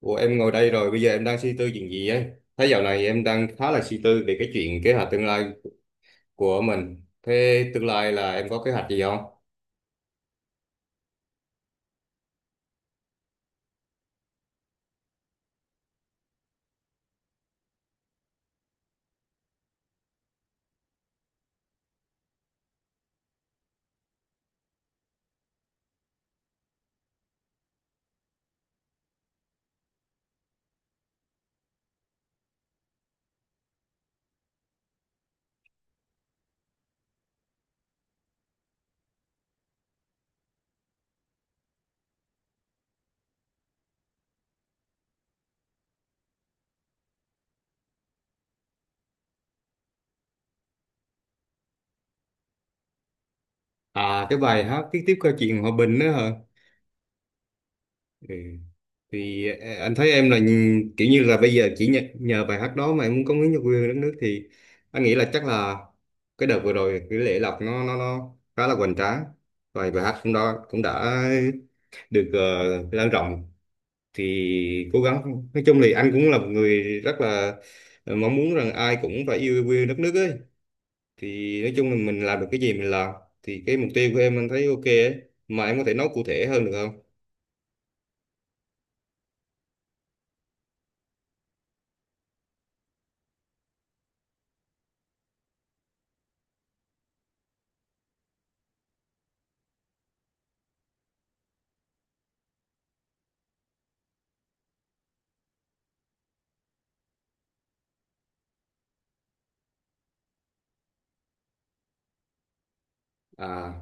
Ủa em ngồi đây rồi, bây giờ em đang suy tư chuyện gì ấy? Thấy dạo này em đang khá là suy tư về cái chuyện kế hoạch tương lai của mình. Thế tương lai là em có kế hoạch gì không? À, cái bài hát tiếp tiếp câu chuyện hòa bình nữa hả? Ừ. Thì anh thấy em là kiểu như là bây giờ chỉ nhờ bài hát đó mà em muốn cống hiến cho quê hương đất nước, thì anh nghĩ là chắc là cái đợt vừa rồi cái lễ lọc nó khá là hoành tráng. Và bài hát cũng đó cũng đã được lan rộng, thì cố gắng, nói chung thì anh cũng là một người rất là mong muốn rằng ai cũng phải yêu quê đất nước ấy, thì nói chung là mình làm được cái gì mình làm, thì cái mục tiêu của em anh thấy ok ấy, mà em có thể nói cụ thể hơn được không? À.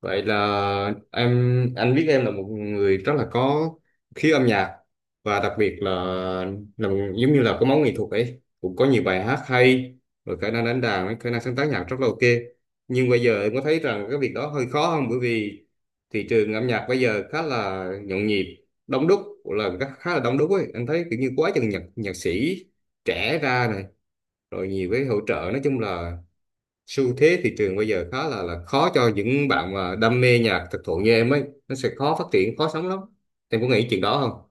Vậy là em anh biết em là một người rất là có khí âm nhạc, và đặc biệt là một, giống như là có máu nghệ thuật ấy, cũng có nhiều bài hát hay, rồi khả năng đánh đàn ấy, khả năng sáng tác nhạc rất là ok, nhưng bây giờ em có thấy rằng cái việc đó hơi khó không? Bởi vì thị trường âm nhạc bây giờ khá là nhộn nhịp đông đúc, là khá khá là đông đúc ấy, anh thấy kiểu như quá chừng nhạc nhạc sĩ trẻ ra này, rồi nhiều cái hỗ trợ, nói chung là xu thế thị trường bây giờ khá là khó cho những bạn mà đam mê nhạc thực thụ như em ấy, nó sẽ khó phát triển khó sống lắm. Em có nghĩ chuyện đó không?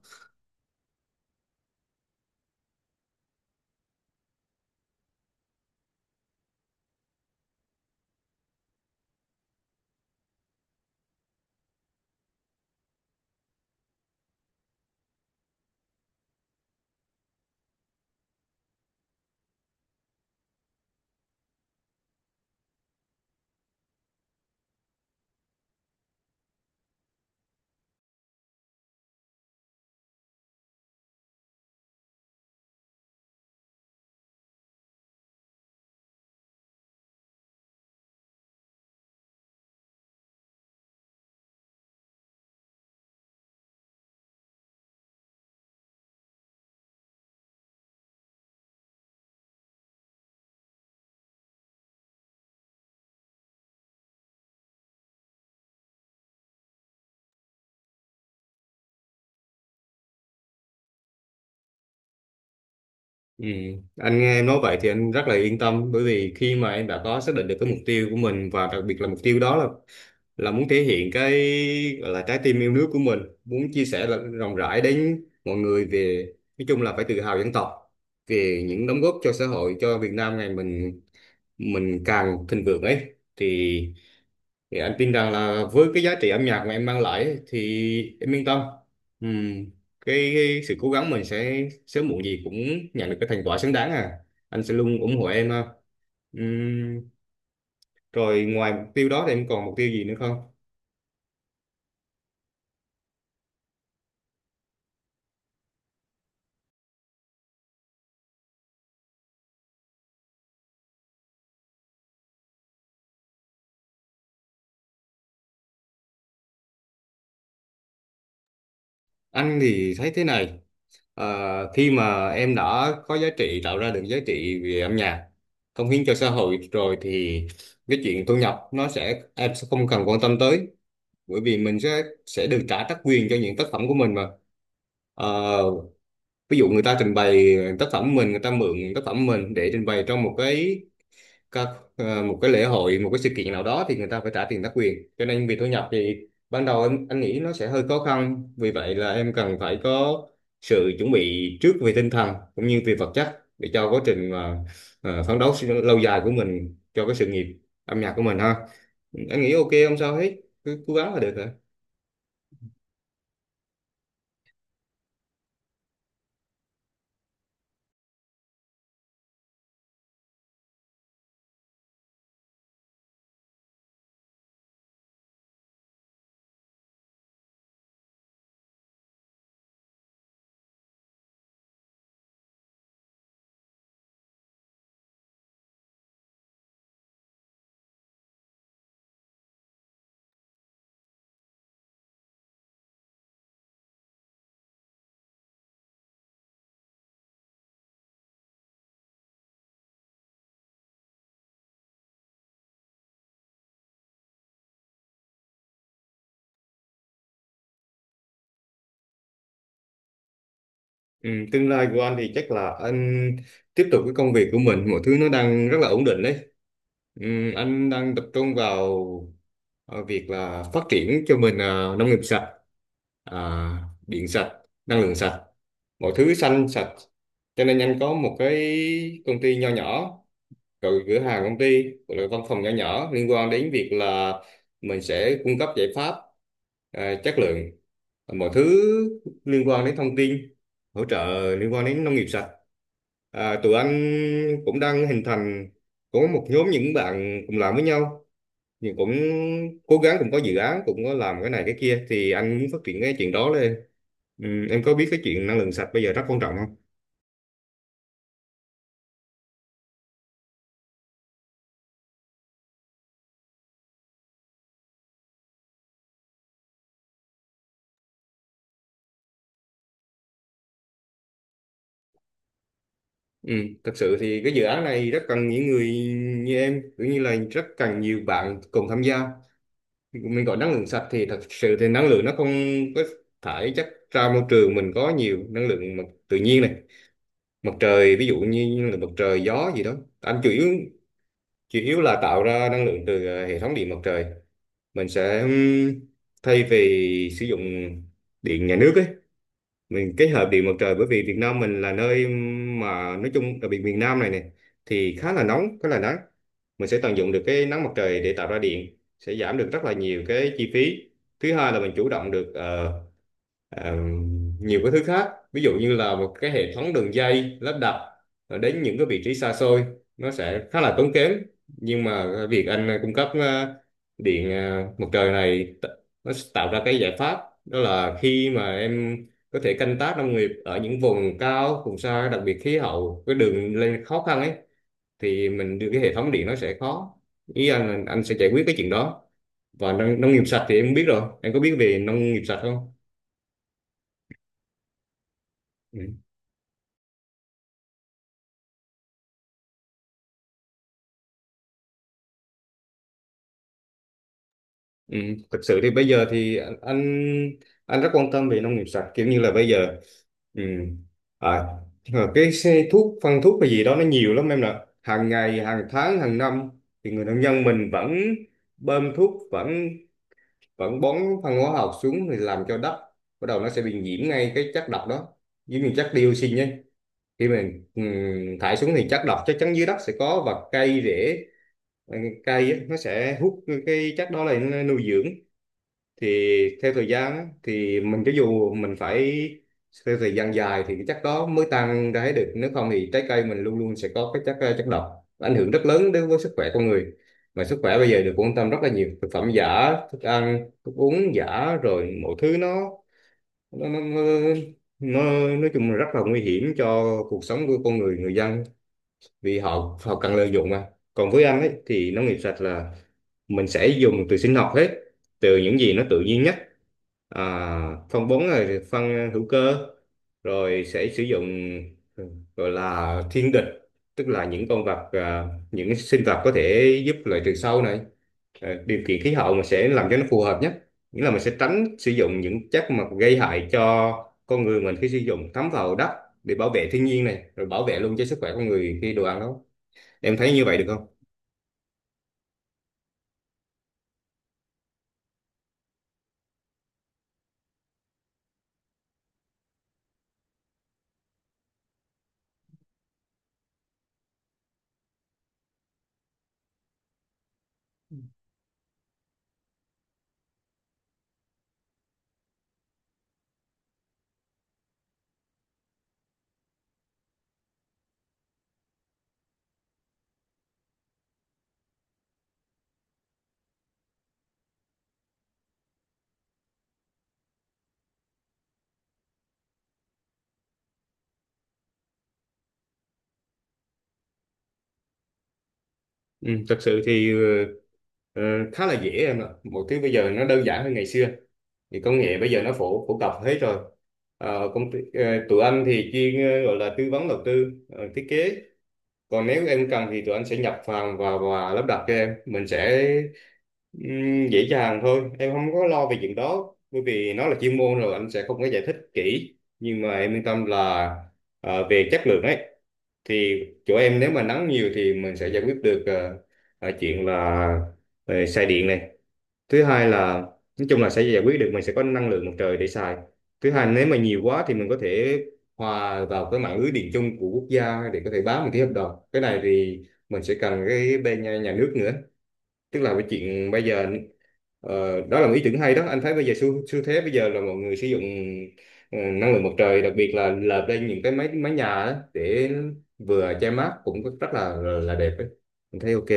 Ừ. Anh nghe em nói vậy thì anh rất là yên tâm, bởi vì khi mà em đã có xác định được cái mục tiêu của mình, và đặc biệt là mục tiêu đó là muốn thể hiện cái gọi là trái tim yêu nước của mình, muốn chia sẻ là rộng rãi đến mọi người về, nói chung là phải tự hào dân tộc, về những đóng góp cho xã hội, cho Việt Nam ngày mình càng thịnh vượng ấy, thì thì anh tin rằng là với cái giá trị âm nhạc mà em mang lại ấy, thì em yên tâm. Ừm, cái sự cố gắng mình sẽ sớm muộn gì cũng nhận được cái thành quả xứng đáng. À, anh sẽ luôn ủng hộ em ha. Ừm, rồi ngoài mục tiêu đó thì em còn mục tiêu gì nữa không? Anh thì thấy thế này, khi mà em đã có giá trị, tạo ra được giá trị về âm nhạc, cống hiến cho xã hội rồi, thì cái chuyện thu nhập nó sẽ em sẽ không cần quan tâm tới, bởi vì mình sẽ được trả tác quyền cho những tác phẩm của mình mà. Ờ, ví dụ người ta trình bày tác phẩm mình, người ta mượn tác phẩm mình để trình bày trong một cái các một cái lễ hội, một cái sự kiện nào đó, thì người ta phải trả tiền tác quyền, cho nên việc thu nhập thì ban đầu em anh nghĩ nó sẽ hơi khó khăn, vì vậy là em cần phải có sự chuẩn bị trước về tinh thần cũng như về vật chất, để cho quá trình mà phấn đấu lâu dài của mình cho cái sự nghiệp âm nhạc của mình ha. Anh nghĩ ok, không sao hết, cứ cố gắng là được hả? Ừ, tương lai của anh thì chắc là anh tiếp tục cái công việc của mình, mọi thứ nó đang rất là ổn định đấy. Ừ, anh đang tập trung vào việc là phát triển cho mình nông nghiệp sạch, à, điện sạch, năng lượng sạch, mọi thứ xanh sạch. Cho nên anh có một cái công ty nho nhỏ, rồi cửa hàng công ty, rồi văn phòng nhỏ nhỏ liên quan đến việc là mình sẽ cung cấp giải pháp, chất lượng, mọi thứ liên quan đến thông tin hỗ trợ liên quan đến nông nghiệp sạch. Tụi anh cũng đang hình thành, có một nhóm những bạn cùng làm với nhau, nhưng cũng cố gắng, cũng có dự án, cũng có làm cái này cái kia, thì anh muốn phát triển cái chuyện đó lên. Ừ, em có biết cái chuyện năng lượng sạch bây giờ rất quan trọng không? Ừ, thật sự thì cái dự án này rất cần những người như em, cũng như là rất cần nhiều bạn cùng tham gia. Mình gọi năng lượng sạch thì thật sự thì năng lượng nó không có thải chất ra môi trường, mình có nhiều năng lượng mặt tự nhiên này, mặt trời, ví dụ như năng lượng mặt trời, gió gì đó, anh chủ yếu là tạo ra năng lượng từ hệ thống điện mặt trời. Mình sẽ thay vì sử dụng điện nhà nước ấy, mình kết hợp điện mặt trời, bởi vì Việt Nam mình là nơi mà nói chung đặc biệt miền Nam này này thì khá là nóng khá là nắng, mình sẽ tận dụng được cái nắng mặt trời để tạo ra điện, sẽ giảm được rất là nhiều cái chi phí. Thứ hai là mình chủ động được ờ, nhiều cái thứ khác, ví dụ như là một cái hệ thống đường dây lắp đặt đến những cái vị trí xa xôi, nó sẽ khá là tốn kém, nhưng mà việc anh cung cấp điện mặt trời này nó sẽ tạo ra cái giải pháp, đó là khi mà em có thể canh tác nông nghiệp ở những vùng cao vùng xa, đặc biệt khí hậu cái đường lên khó khăn ấy, thì mình đưa cái hệ thống điện nó sẽ khó. Ý anh là anh sẽ giải quyết cái chuyện đó. Và nông nghiệp sạch thì em biết rồi, em có biết về nông nghiệp sạch không? Ừ, thực sự thì bây giờ thì anh rất quan tâm về nông nghiệp sạch kiểu như là bây giờ. ừ. à, nhưng mà cái xe thuốc phân thuốc hay gì đó nó nhiều lắm em nè, hàng ngày hàng tháng hàng năm thì người nông dân mình vẫn bơm thuốc vẫn vẫn bón phân hóa học xuống, thì làm cho đất bắt đầu nó sẽ bị nhiễm ngay cái chất độc đó, giống như chất dioxin nhé. Khi mình thải xuống thì chất độc chắc chắn dưới đất sẽ có, và cây rễ, ừ, cây á, nó sẽ hút cái chất đó lại, nó nuôi dưỡng, thì theo thời gian á, thì mình cho dù mình phải theo thời gian dài thì cái chất đó mới tan ra hết được, nếu không thì trái cây mình luôn luôn sẽ có cái chất chất độc ảnh hưởng rất lớn đến với sức khỏe con người. Mà sức khỏe bây giờ được quan tâm rất là nhiều, thực phẩm giả, thức ăn thức uống giả, rồi mọi thứ nó, nó, nó nó nói chung là rất là nguy hiểm cho cuộc sống của con người, người dân, vì họ họ cần lợi dụng mà. Còn với anh ấy thì nông nghiệp sạch là mình sẽ dùng từ sinh học hết, từ những gì nó tự nhiên nhất. à, Phân bón là phân hữu cơ, rồi sẽ sử dụng, ừ, gọi là thiên địch, tức là những con vật, những cái sinh vật có thể giúp loại trừ sâu này, điều kiện khí hậu mà sẽ làm cho nó phù hợp nhất. Nghĩa là mình sẽ tránh sử dụng những chất mà gây hại cho con người mình, khi sử dụng thấm vào đất, để bảo vệ thiên nhiên này, rồi bảo vệ luôn cho sức khỏe con người khi đồ ăn đó. Em thấy như vậy được không? Ừ, thật sự thì ờ, khá là dễ em ạ. Mọi thứ bây giờ nó đơn giản hơn ngày xưa. Thì công nghệ bây giờ nó phổ phổ cập hết rồi. Ờ, công ty, tụi anh thì chuyên gọi là tư vấn đầu tư, thiết kế, còn nếu em cần thì tụi anh sẽ nhập hàng và lắp đặt cho em, mình sẽ dễ dàng thôi em, không có lo về chuyện đó bởi vì nó là chuyên môn rồi, anh sẽ không có giải thích kỹ. Nhưng mà em yên tâm là về chất lượng ấy, thì chỗ em nếu mà nắng nhiều thì mình sẽ giải quyết được chuyện là xài điện này. Thứ hai là nói chung là sẽ giải quyết được, mình sẽ có năng lượng mặt trời để xài. Thứ hai nếu mà nhiều quá thì mình có thể hòa vào cái mạng lưới điện chung của quốc gia, để có thể bán một cái hợp đồng. Cái này thì mình sẽ cần cái bên nhà nước nữa, tức là cái chuyện bây giờ, đó là một ý tưởng hay đó. Anh thấy bây giờ xu thế bây giờ là mọi người sử dụng năng lượng mặt trời, đặc biệt là lợp lên những cái máy mái nhà đó để vừa che mát cũng rất là đẹp ấy. Mình thấy ok.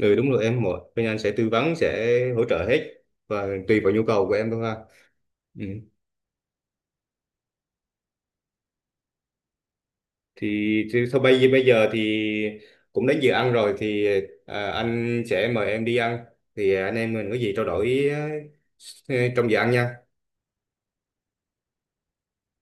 Ừ đúng rồi em, mỗi bên anh sẽ tư vấn, sẽ hỗ trợ hết, và tùy vào nhu cầu của em thôi ha. Ừ. thì thôi bây bây giờ thì cũng đến giờ ăn rồi, thì anh sẽ mời em đi ăn, thì anh em mình có gì trao đổi trong giờ ăn nha.